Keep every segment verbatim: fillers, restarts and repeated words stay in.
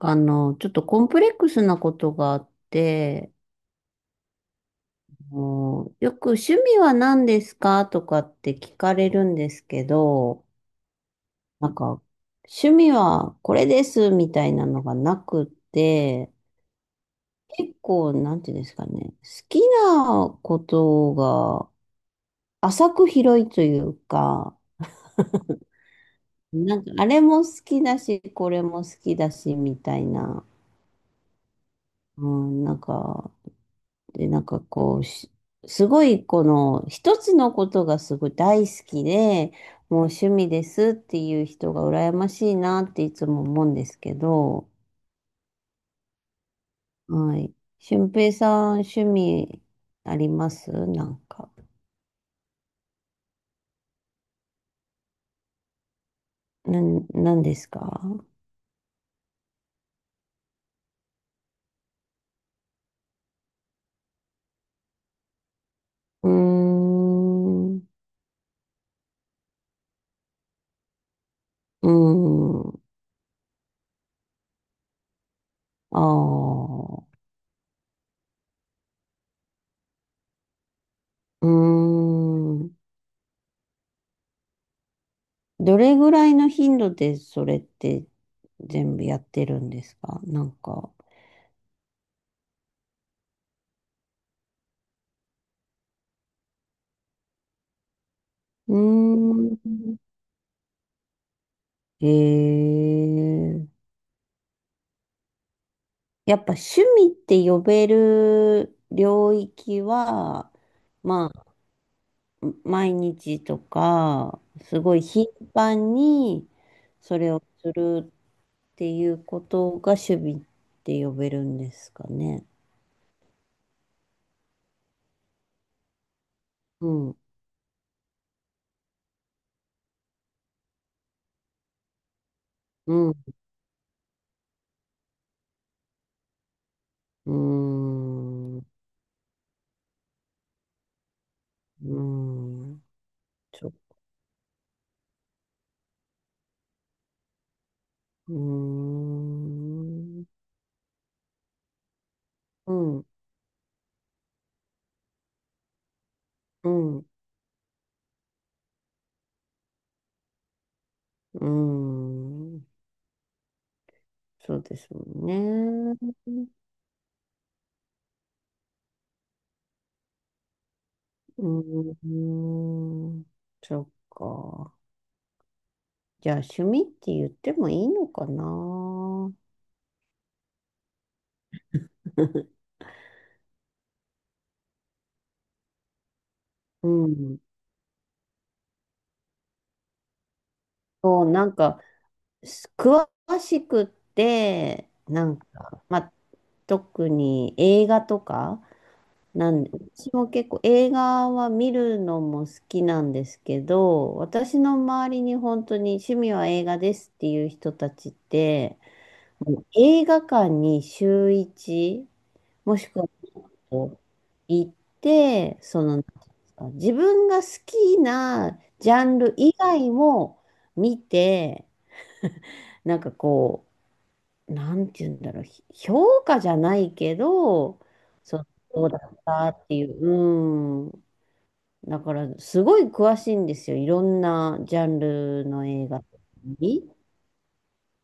あの、ちょっとコンプレックスなことがあって、もうよく趣味は何ですかとかって聞かれるんですけど、なんか、趣味はこれですみたいなのがなくって、結構、なんていうんですかね、好きなことが浅く広いというか、なんか、あれも好きだし、これも好きだし、みたいな。うん、なんか、で、なんかこう、しすごいこの一つのことがすごい大好きで、もう趣味ですっていう人が羨ましいなっていつも思うんですけど、はい。俊平さん、趣味ありますなんか。なん、なんですか？うーん。うーん。ああ。うーん。どれぐらいの頻度でそれって全部やってるんですかなんか。うーん。ええ、やっぱ趣味って呼べる領域は、まあ、毎日とか、すごい頻繁にそれをするっていうことが趣味って呼べるんですかね。うん、うん、うーん、うーん、ちょ、うーん、うん、うん、うーん。そうですもんね。うーん、そっか。じゃあ、趣味って言ってもいいのかな。うん。そう、なんか、す詳しくって、なんか、まあ、特に映画とか。なんで、私も結構映画は見るのも好きなんですけど、私の周りに本当に趣味は映画ですっていう人たちって、映画館に週一、もしくは行って、その、なんていうんですか、自分が好きなジャンル以外も見て、なんかこう、なんて言うんだろう、ひ評価じゃないけど、そう、どうだったっていう、うん。だから、すごい詳しいんですよ。いろんなジャンルの映画に。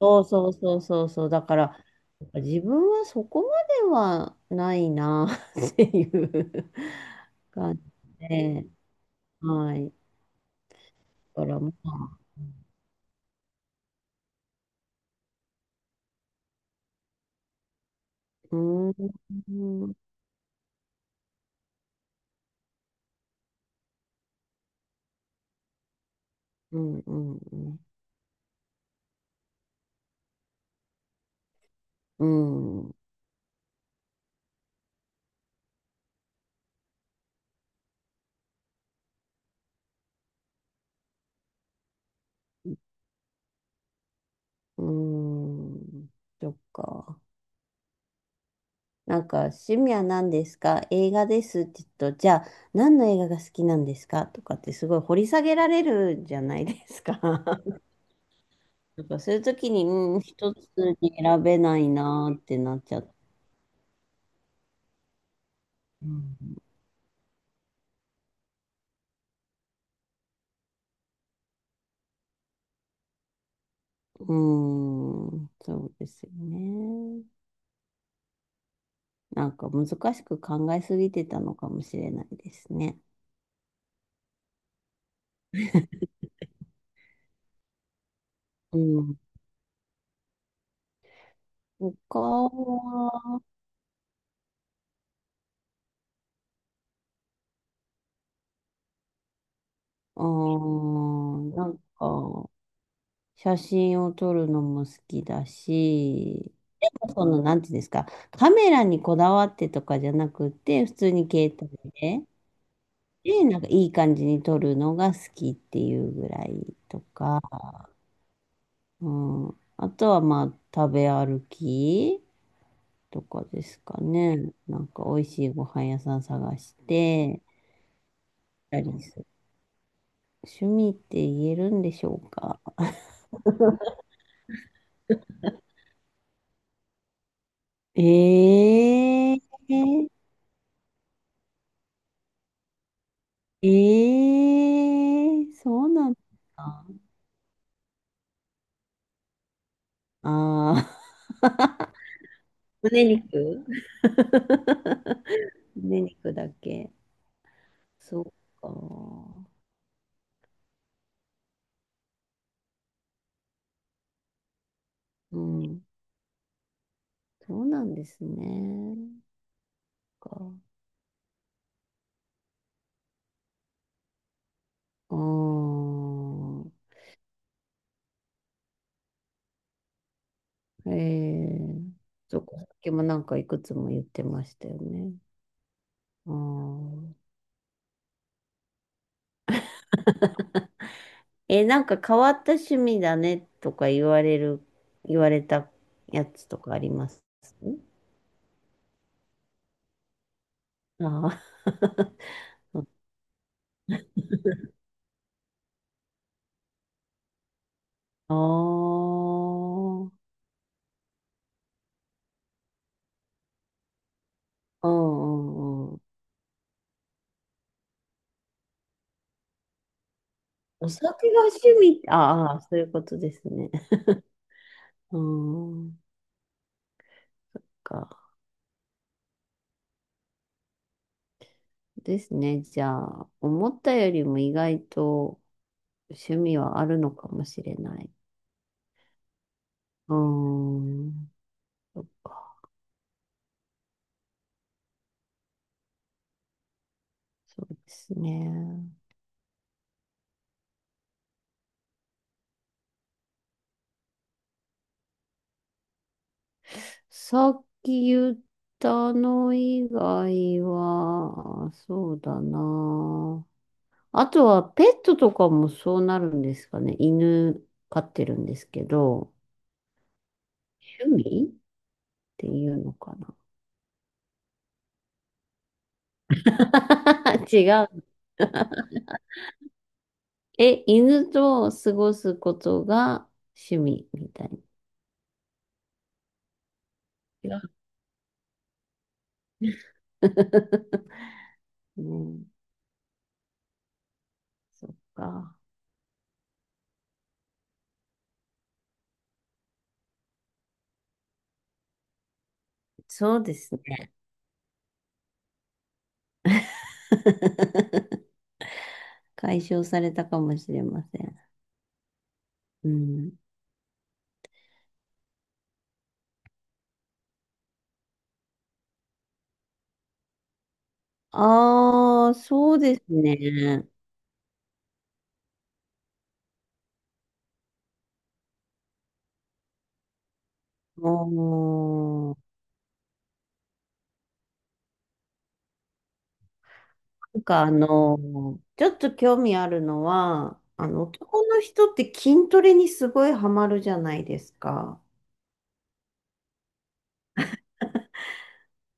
そうそうそうそうそう。だから、自分はそこまではないな っていう感じで、はい。だからまあ、うーん、うん、うん、うん、うん、うーんそっか。なんか、趣味は何ですか、映画ですって言うと、じゃあ、何の映画が好きなんですかとかってすごい掘り下げられるじゃないですか。なんか、そういう時に、うん、一つに選べないなってなっちゃって。うんうーん、そうですよね。なんか難しく考えすぎてたのかもしれないですね。うん。他は、うーん、なんか、写真を撮るのも好きだし、でもその、なんていうんですか、カメラにこだわってとかじゃなくて、普通に携帯で、で、なんかいい感じに撮るのが好きっていうぐらいとか、うん。あとはまあ、食べ歩き。とかですかね。なんか美味しいご飯屋さん探して、たりする。趣味って言えるんでしょうか？ええ、ええ、そうなんですか？ああー。 胸肉、胸肉だけ。そうか。うん、そうなんですね。か。ああ、ええ、そっか。さっきもなんかいくつも言ってましたよね。ああ。え、なんか変わった趣味だねとか言われる、言われたやつとかあります？ああ、あー、うんうんうん。お酒が趣味、ああ、そういうことですね。うん、か。ですね。じゃあ、思ったよりも意外と趣味はあるのかもしれない。うん、そっか、そうですね。さっき言ったの以外は、そうだな。あとはペットとかもそうなるんですかね。犬飼ってるんですけど、趣味っていうのかな。違う。え、犬と過ごすことが趣味みたいな。違う ね、そっか。そうですね。解消されたかもしれません。うん。ああ、そうですね。もう、なんかあの、ちょっと興味あるのは、あの、男の人って筋トレにすごいハマるじゃないですか。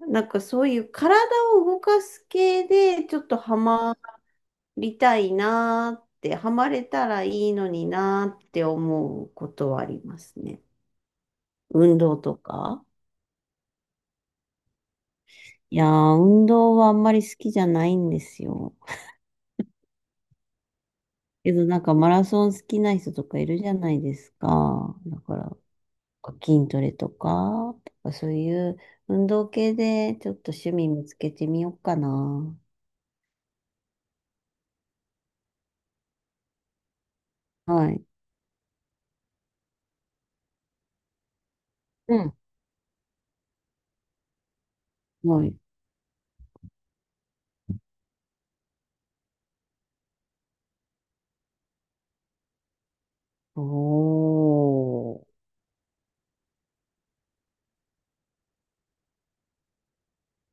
なんかそういう体を動かす系で、ちょっとハマりたいなーって、ハマれたらいいのになーって思うことはありますね。運動とか。いやー、運動はあんまり好きじゃないんですよ。けどなんかマラソン好きな人とかいるじゃないですか。だから、筋トレとか、そういう運動系でちょっと趣味見つけてみようかな。はい。うん、はい。おー。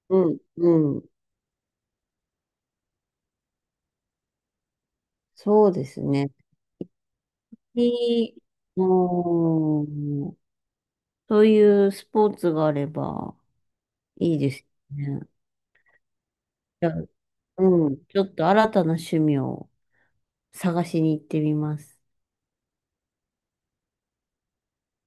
うん、うん。そうですね。いい。おー。そういうスポーツがあればいいですね。じゃあ、うん。ちょっと新たな趣味を探しに行ってみます。